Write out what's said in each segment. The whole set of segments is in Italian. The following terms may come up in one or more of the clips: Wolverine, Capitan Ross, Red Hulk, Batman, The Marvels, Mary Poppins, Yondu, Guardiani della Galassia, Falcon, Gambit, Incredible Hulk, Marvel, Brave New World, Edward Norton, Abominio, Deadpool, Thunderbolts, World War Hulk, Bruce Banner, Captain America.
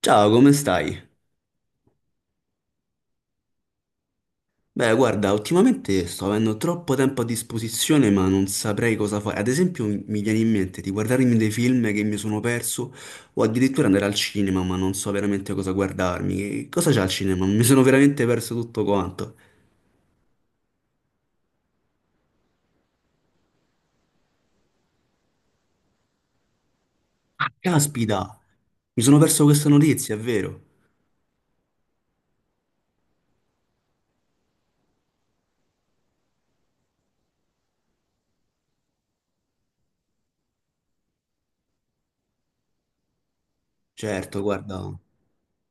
Ciao, come stai? Beh, guarda, ultimamente sto avendo troppo tempo a disposizione, ma non saprei cosa fare. Ad esempio, mi viene in mente di guardarmi dei film che mi sono perso, o addirittura andare al cinema, ma non so veramente cosa guardarmi. Che cosa c'è al cinema? Mi sono veramente perso tutto quanto. Caspita, mi sono perso questa notizia, è vero? Certo, guarda,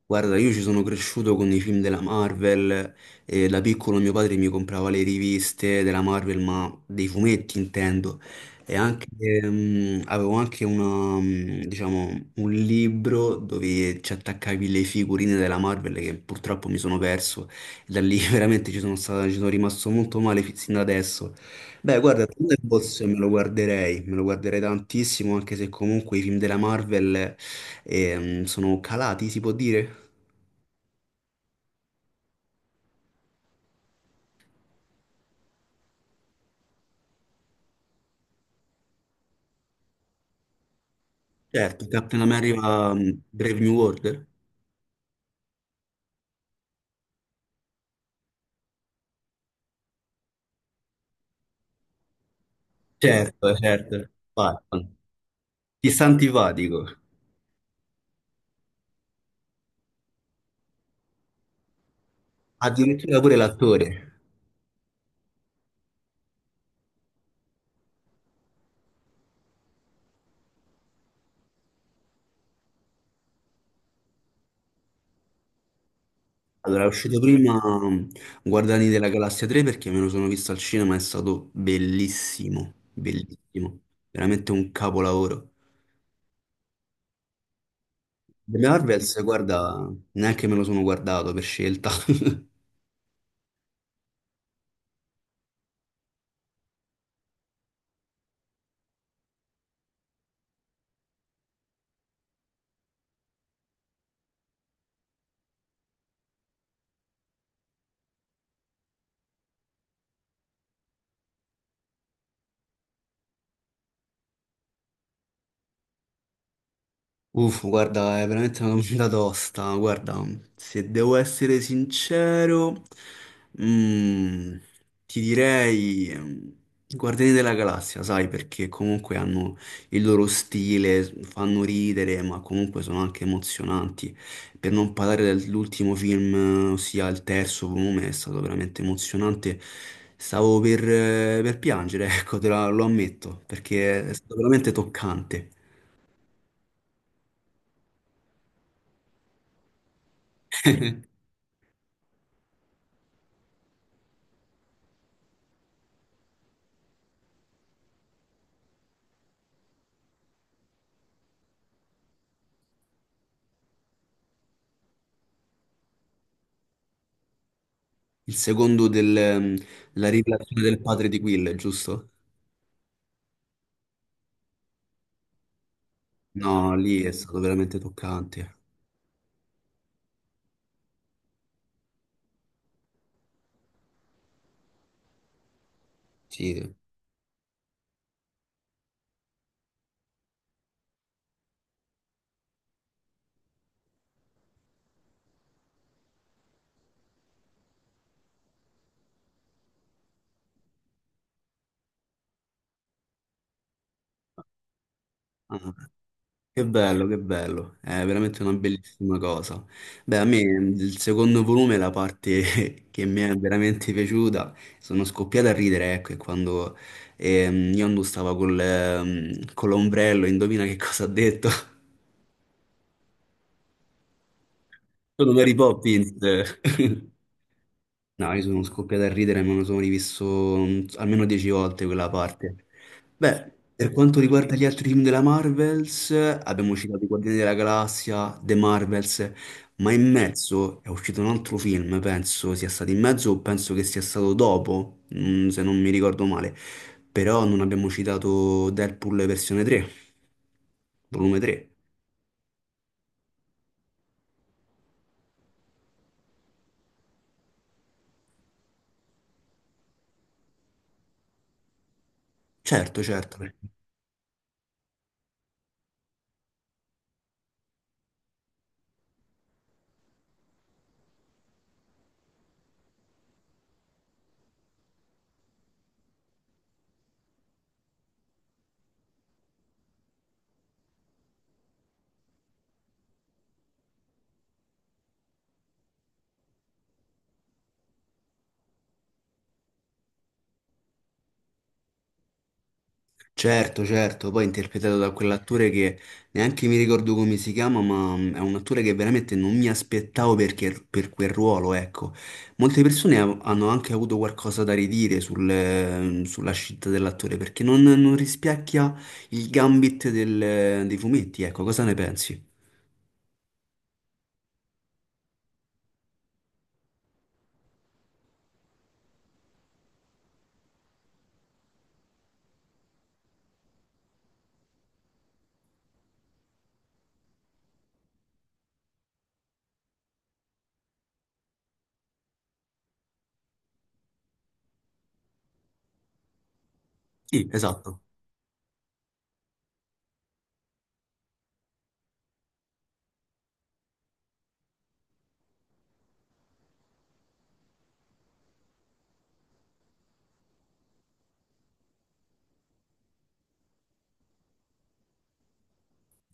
guarda, io ci sono cresciuto con i film della Marvel e da piccolo mio padre mi comprava le riviste della Marvel, ma dei fumetti intendo, e anche, avevo anche una, diciamo, un libro dove ci attaccavi le figurine della Marvel che purtroppo mi sono perso, e da lì veramente ci sono stato, ci sono rimasto molto male sin da adesso. Beh, guarda, Thunderbolts me lo guarderei tantissimo, anche se comunque i film della Marvel sono calati, si può dire? Certo, Captain America, Brave New World? Certo, certo, Batman. Ti sta antipatico. Addirittura pure l'attore. Allora, è uscito prima Guardiani della Galassia 3 perché me lo sono visto al cinema, è stato bellissimo, bellissimo, veramente un capolavoro. The Marvels, guarda, neanche me lo sono guardato per scelta. Uff, guarda, è veramente una domanda tosta. Guarda, se devo essere sincero, mm, ti direi mm, i Guardiani della Galassia, sai, perché comunque hanno il loro stile, fanno ridere, ma comunque sono anche emozionanti. Per non parlare dell'ultimo film, ossia il terzo volume, è stato veramente emozionante. Stavo per piangere, ecco, lo ammetto, perché è stato veramente toccante. Il secondo del, la rivelazione del padre di Will, giusto? No, lì è stato veramente toccante. Sì. Ah, che bello, che bello. È veramente una bellissima cosa. Beh, a me il secondo volume, la parte che mi è veramente piaciuta, sono scoppiato a ridere, ecco, è quando Yondu stava col, con l'ombrello, indovina che cosa ha detto? Sono Mary Poppins. No, io sono scoppiato a ridere, me lo sono rivisto mm, almeno dieci volte quella parte. Beh, per quanto riguarda gli altri film della Marvels, abbiamo citato i Guardiani della Galassia, The Marvels, ma in mezzo è uscito un altro film, penso sia stato in mezzo o penso che sia stato dopo, mm, se non mi ricordo male. Però non abbiamo citato Deadpool versione 3, volume 3. Certo, certo. Certo, certo, poi interpretato da quell'attore che neanche mi ricordo come si chiama, ma mm, è un attore che veramente non mi aspettavo perché, per quel ruolo, ecco. Molte persone hanno anche avuto qualcosa da ridire sul, sulla scelta dell'attore perché non, non rispecchia il gambit dei fumetti, ecco, cosa ne pensi? Sì, esatto.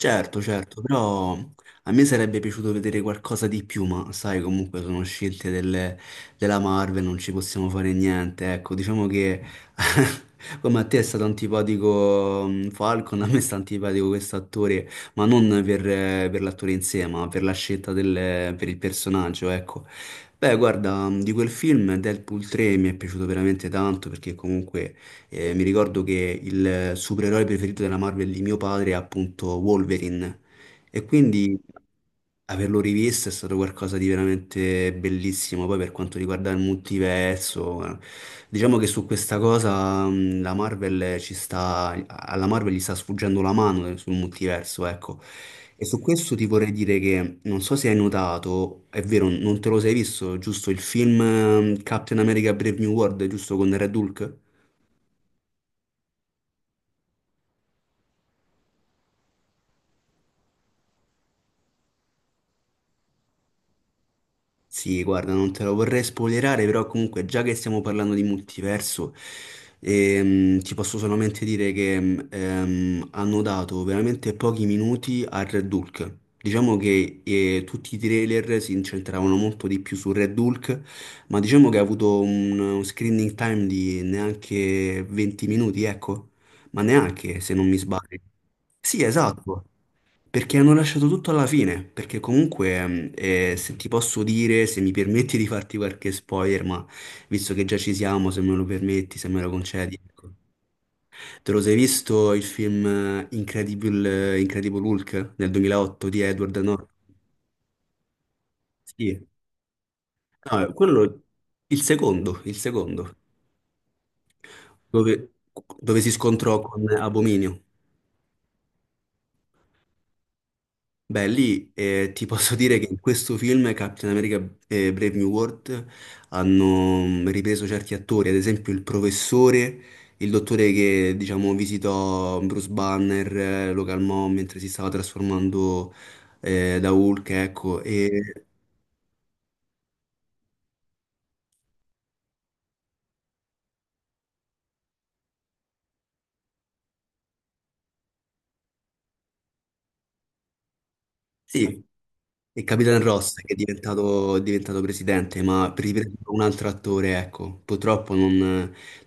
Certo, certo, però a me sarebbe piaciuto vedere qualcosa di più, ma sai, comunque sono scelte della Marvel, non ci possiamo fare niente. Ecco, diciamo che come a te è stato antipatico mm, Falcon, a me sta antipatico questo attore, ma non per, per l'attore in sé, ma per la scelta del, per il personaggio, ecco. Beh, guarda, mm, di quel film Deadpool 3 mi è piaciuto veramente tanto perché comunque mi ricordo che il supereroe preferito della Marvel di mio padre è appunto Wolverine e quindi averlo rivisto è stato qualcosa di veramente bellissimo. Poi per quanto riguarda il multiverso, diciamo che su questa cosa la Marvel ci sta, alla Marvel gli sta sfuggendo la mano sul multiverso, ecco. E su questo ti vorrei dire che non so se hai notato, è vero, non te lo sei visto, giusto il film Captain America Brave New World, giusto con Red Hulk? Sì, guarda, non te lo vorrei spoilerare, però comunque già che stiamo parlando di multiverso, ti posso solamente dire che hanno dato veramente pochi minuti a Red Hulk. Diciamo che tutti i trailer si incentravano molto di più su Red Hulk, ma diciamo che ha avuto un screening time di neanche 20 minuti, ecco, ma neanche se non mi sbaglio. Sì, esatto. Perché hanno lasciato tutto alla fine, perché comunque, se ti posso dire, se mi permetti di farti qualche spoiler, ma visto che già ci siamo, se me lo permetti, se me lo concedi, ecco. Te lo sei visto il film Incredible Hulk del 2008 di Edward Norton? Sì. No, quello, il secondo, dove, dove si scontrò con Abominio. Beh, lì ti posso dire che in questo film Captain America e Brave New World hanno mm, ripreso certi attori, ad esempio il professore, il dottore che diciamo visitò Bruce Banner, lo calmò mentre si stava trasformando da Hulk, ecco, e sì, e Capitan Ross che è diventato presidente, ma riprendendo un altro attore, ecco, purtroppo non,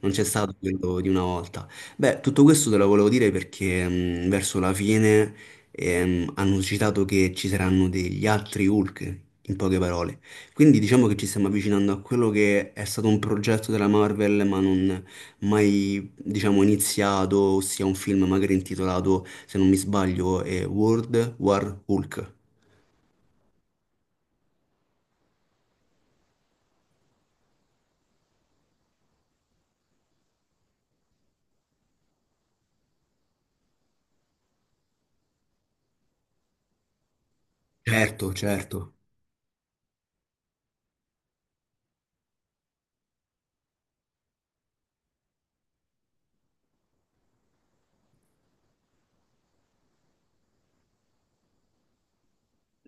non c'è stato quello di una volta. Beh, tutto questo te lo volevo dire perché verso la fine hanno citato che ci saranno degli altri Hulk, in poche parole. Quindi diciamo che ci stiamo avvicinando a quello che è stato un progetto della Marvel, ma non mai, diciamo, iniziato, ossia un film magari intitolato, se non mi sbaglio, è World War Hulk. Certo,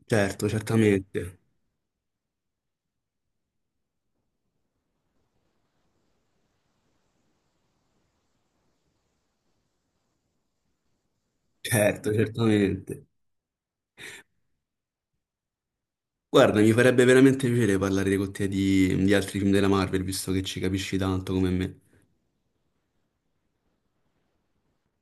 certo, certamente, certo, certamente. Guarda, mi farebbe veramente piacere parlare con te di altri film della Marvel, visto che ci capisci tanto come me.